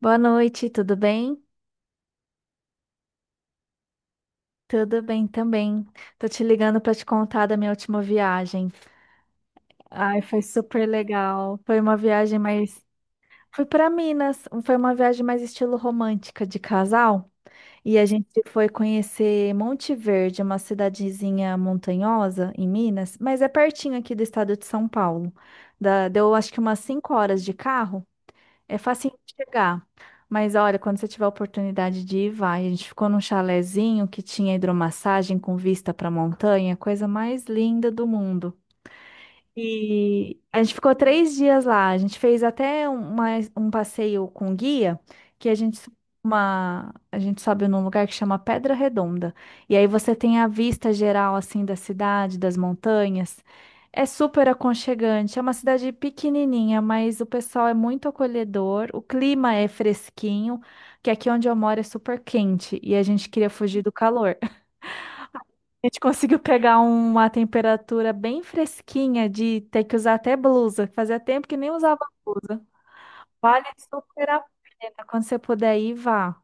Boa noite, tudo bem? Tudo bem também. Tô te ligando pra te contar da minha última viagem. Ai, foi super legal. Foi uma viagem mais. Fui pra Minas, foi uma viagem mais estilo romântica de casal. E a gente foi conhecer Monte Verde, uma cidadezinha montanhosa em Minas, mas é pertinho aqui do estado de São Paulo. Deu acho que umas 5 horas de carro. É facinho de chegar. Mas olha, quando você tiver a oportunidade de ir, vai. A gente ficou num chalezinho que tinha hidromassagem com vista para a montanha, coisa mais linda do mundo. E a gente ficou 3 dias lá. A gente fez até um passeio com guia, que a gente sobe num lugar que chama Pedra Redonda. E aí você tem a vista geral, assim, da cidade, das montanhas. É super aconchegante. É uma cidade pequenininha, mas o pessoal é muito acolhedor. O clima é fresquinho, que aqui onde eu moro é super quente. E a gente queria fugir do calor. A gente conseguiu pegar uma temperatura bem fresquinha de ter que usar até blusa. Fazia tempo que nem usava blusa. Vale super a pena. Quando você puder ir, vá.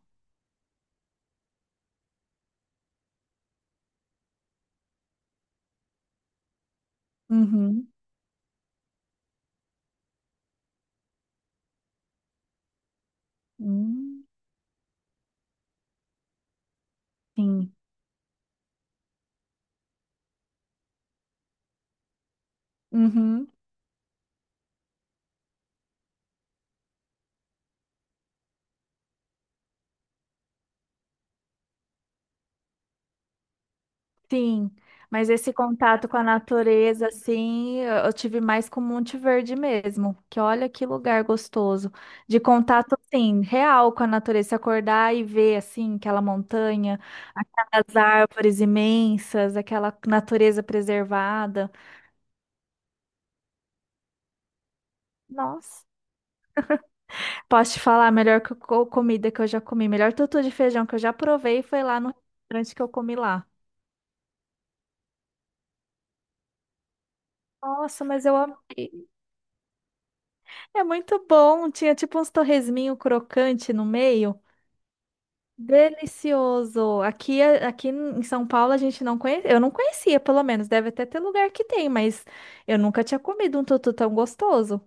Uhum. Hum, sim. Uhum. Sim, mas esse contato com a natureza, assim, eu tive mais com Monte Verde mesmo, que olha que lugar gostoso, de contato, assim, real com a natureza. Você acordar e ver, assim, aquela montanha, aquelas árvores imensas, aquela natureza preservada, nossa, posso te falar, a melhor comida que eu já comi, melhor tutu de feijão que eu já provei foi lá no restaurante que eu comi lá. Nossa, mas eu amei. É muito bom. Tinha tipo uns torresminho crocante no meio. Delicioso. Aqui, é, aqui em São Paulo a gente não conhece, eu não conhecia, pelo menos. Deve até ter lugar que tem, mas eu nunca tinha comido um tutu tão gostoso.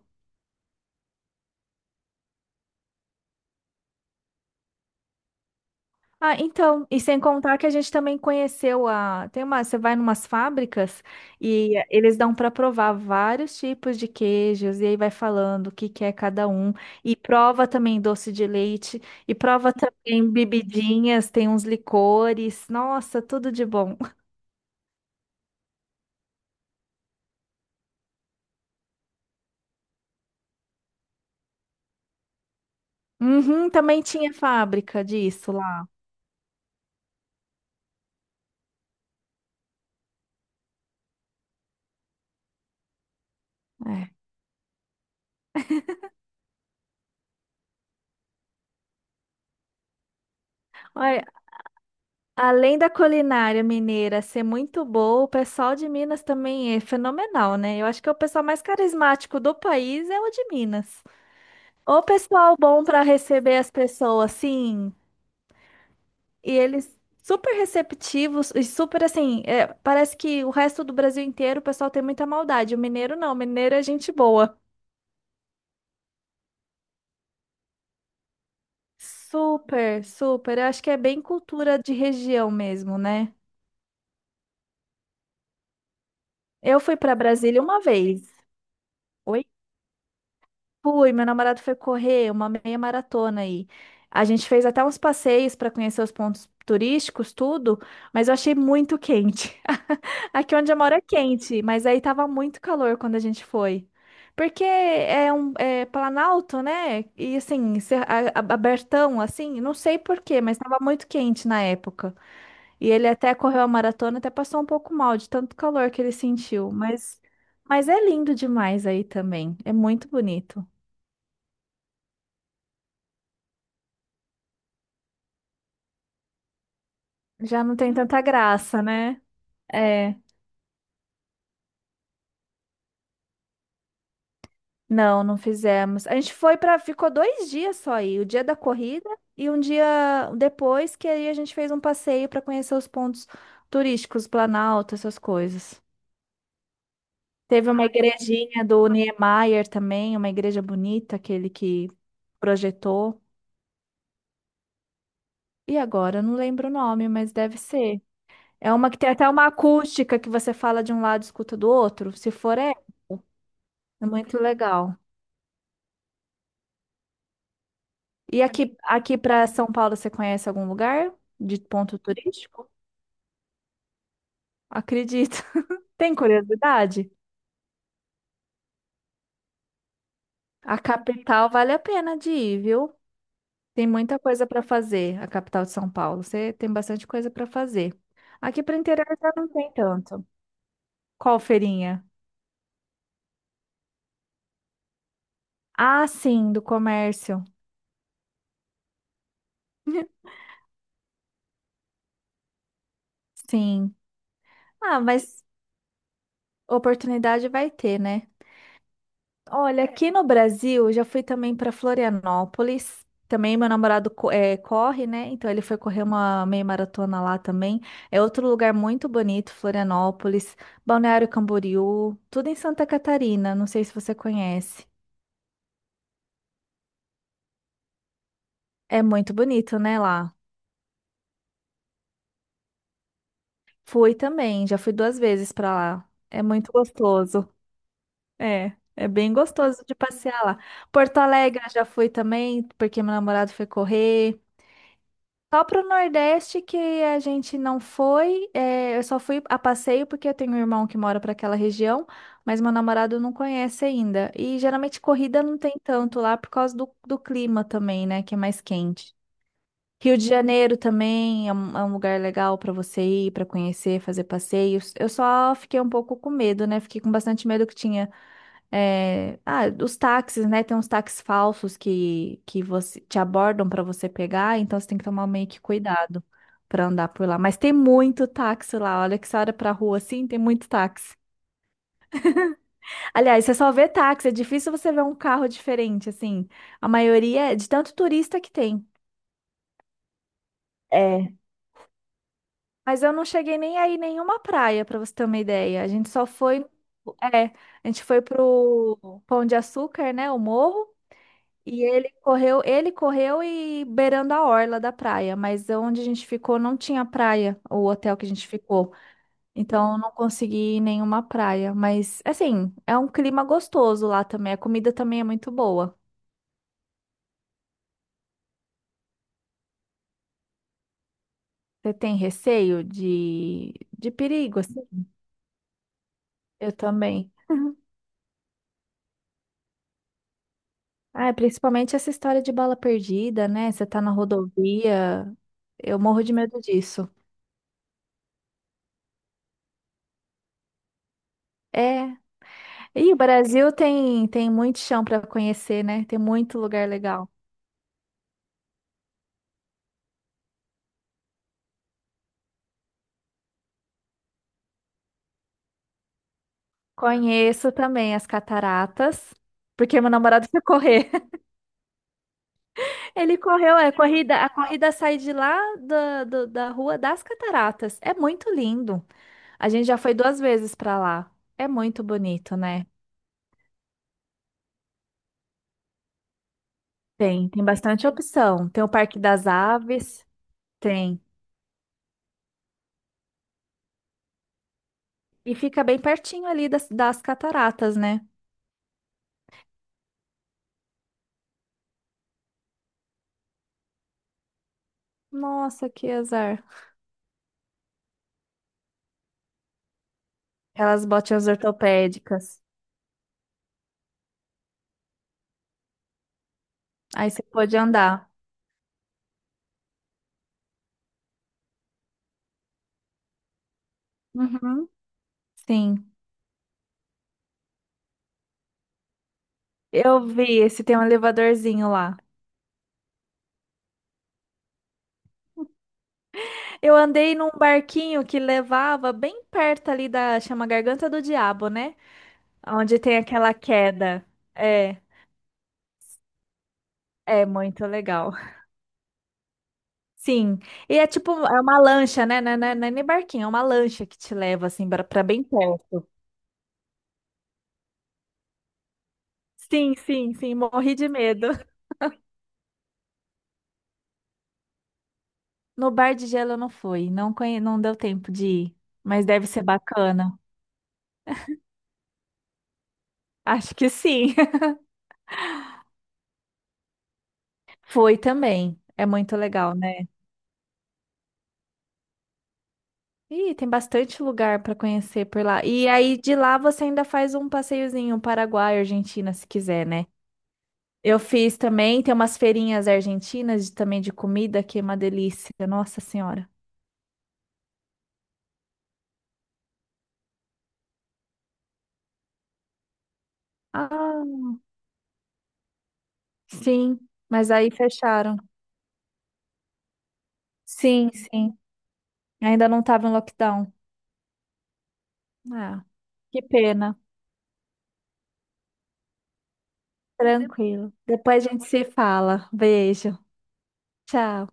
Ah, então, e sem contar que a gente também conheceu a, tem uma, você vai numas fábricas e eles dão para provar vários tipos de queijos e aí vai falando o que que é cada um e prova também doce de leite e prova também bebidinhas, tem uns licores. Nossa, tudo de bom. Uhum, também tinha fábrica disso. É. Olha, além da culinária mineira ser muito boa, o pessoal de Minas também é fenomenal, né? Eu acho que é o pessoal mais carismático do país é o de Minas. O pessoal bom para receber as pessoas, sim, e eles super receptivos e super assim, é, parece que o resto do Brasil inteiro o pessoal tem muita maldade. O mineiro não, o mineiro é gente boa. Super, super. Eu acho que é bem cultura de região mesmo, né? Eu fui para Brasília uma vez. Oi? Fui, meu namorado foi correr uma meia maratona aí. A gente fez até uns passeios para conhecer os pontos turísticos, tudo, mas eu achei muito quente. Aqui onde eu moro é quente, mas aí tava muito calor quando a gente foi. Porque é Planalto, né? E assim, abertão, assim, não sei por quê, mas tava muito quente na época. E ele até correu a maratona, até passou um pouco mal de tanto calor que ele sentiu. Mas é lindo demais aí também. É muito bonito. Já não tem tanta graça, né? É, não, não fizemos. A gente ficou 2 dias só aí, o dia da corrida e um dia depois que aí a gente fez um passeio para conhecer os pontos turísticos, Planalto, essas coisas. Teve uma igrejinha do Niemeyer também, uma igreja bonita, aquele que projetou. E agora eu não lembro o nome, mas deve ser. É uma que tem até uma acústica que você fala de um lado e escuta do outro. Se for, é muito legal. E aqui para São Paulo, você conhece algum lugar de ponto turístico? Acredito. Tem curiosidade? A capital vale a pena de ir, viu? Tem muita coisa para fazer, a capital de São Paulo. Você tem bastante coisa para fazer. Aqui para o interior já não tem tanto. Qual feirinha? Ah, sim, do comércio. Sim. Ah, mas oportunidade vai ter, né? Olha, aqui no Brasil, eu já fui também para Florianópolis. Também meu namorado corre, né? Então ele foi correr uma meia maratona lá também. É outro lugar muito bonito, Florianópolis, Balneário Camboriú, tudo em Santa Catarina. Não sei se você conhece. É muito bonito, né, lá. Fui também, já fui 2 vezes para lá. É muito gostoso. É, é bem gostoso de passear lá. Porto Alegre eu já fui também, porque meu namorado foi correr. Só pro Nordeste que a gente não foi. É, eu só fui a passeio porque eu tenho um irmão que mora para aquela região, mas meu namorado não conhece ainda. E geralmente corrida não tem tanto lá por causa do clima também, né? Que é mais quente. Rio de Janeiro também é um lugar legal para você ir, para conhecer, fazer passeios. Eu só fiquei um pouco com medo, né? Fiquei com bastante medo que tinha. É, ah, os táxis, né? Tem uns táxis falsos que você te abordam para você pegar, então você tem que tomar meio que cuidado para andar por lá. Mas tem muito táxi lá. Olha que você olha pra rua assim, tem muito táxi. Aliás, você só vê táxi, é difícil você ver um carro diferente, assim. A maioria é de tanto turista que tem. É. Mas eu não cheguei nem aí nenhuma praia, para você ter uma ideia. A gente só foi, é, a gente foi pro Pão de Açúcar, né, o morro. E ele correu e beirando a orla da praia, mas onde a gente ficou não tinha praia, o hotel que a gente ficou. Então eu não consegui ir nenhuma praia, mas assim, é um clima gostoso lá também, a comida também é muito boa. Você tem receio de perigo, assim? Eu também. Ah, é, principalmente essa história de bala perdida, né? Você tá na rodovia, eu morro de medo disso. É. E o Brasil tem muito chão para conhecer, né? Tem muito lugar legal. Conheço também as cataratas, porque meu namorado foi correr. Ele correu, a corrida sai de lá da Rua das Cataratas. É muito lindo. A gente já foi 2 vezes para lá. É muito bonito, né? Tem bastante opção. Tem o Parque das Aves, tem. E fica bem pertinho ali das cataratas, né? Nossa, que azar. Aquelas botinhas ortopédicas. Aí você pode andar. Uhum, sim. Eu vi esse tem um elevadorzinho lá. Eu andei num barquinho que levava bem perto ali da, chama Garganta do Diabo, né? Onde tem aquela queda. É, é muito legal. Sim, e é tipo, é uma lancha, né? Não é nem barquinho, é uma lancha que te leva assim pra bem perto. Sim, sim, sim, morri de medo. No bar de gelo eu não fui, não deu tempo de ir, mas deve ser bacana. Acho que sim. Foi também. É muito legal, né? Ih, tem bastante lugar para conhecer por lá. E aí de lá você ainda faz um passeiozinho Paraguai, Argentina, se quiser, né? Eu fiz também, tem umas feirinhas argentinas também de comida, que é uma delícia. Nossa Senhora. Ah, sim, mas aí fecharam. Sim, sim. Ainda não estava em lockdown. Ah, que pena. Tranquilo. Depois a gente se fala. Beijo. Tchau.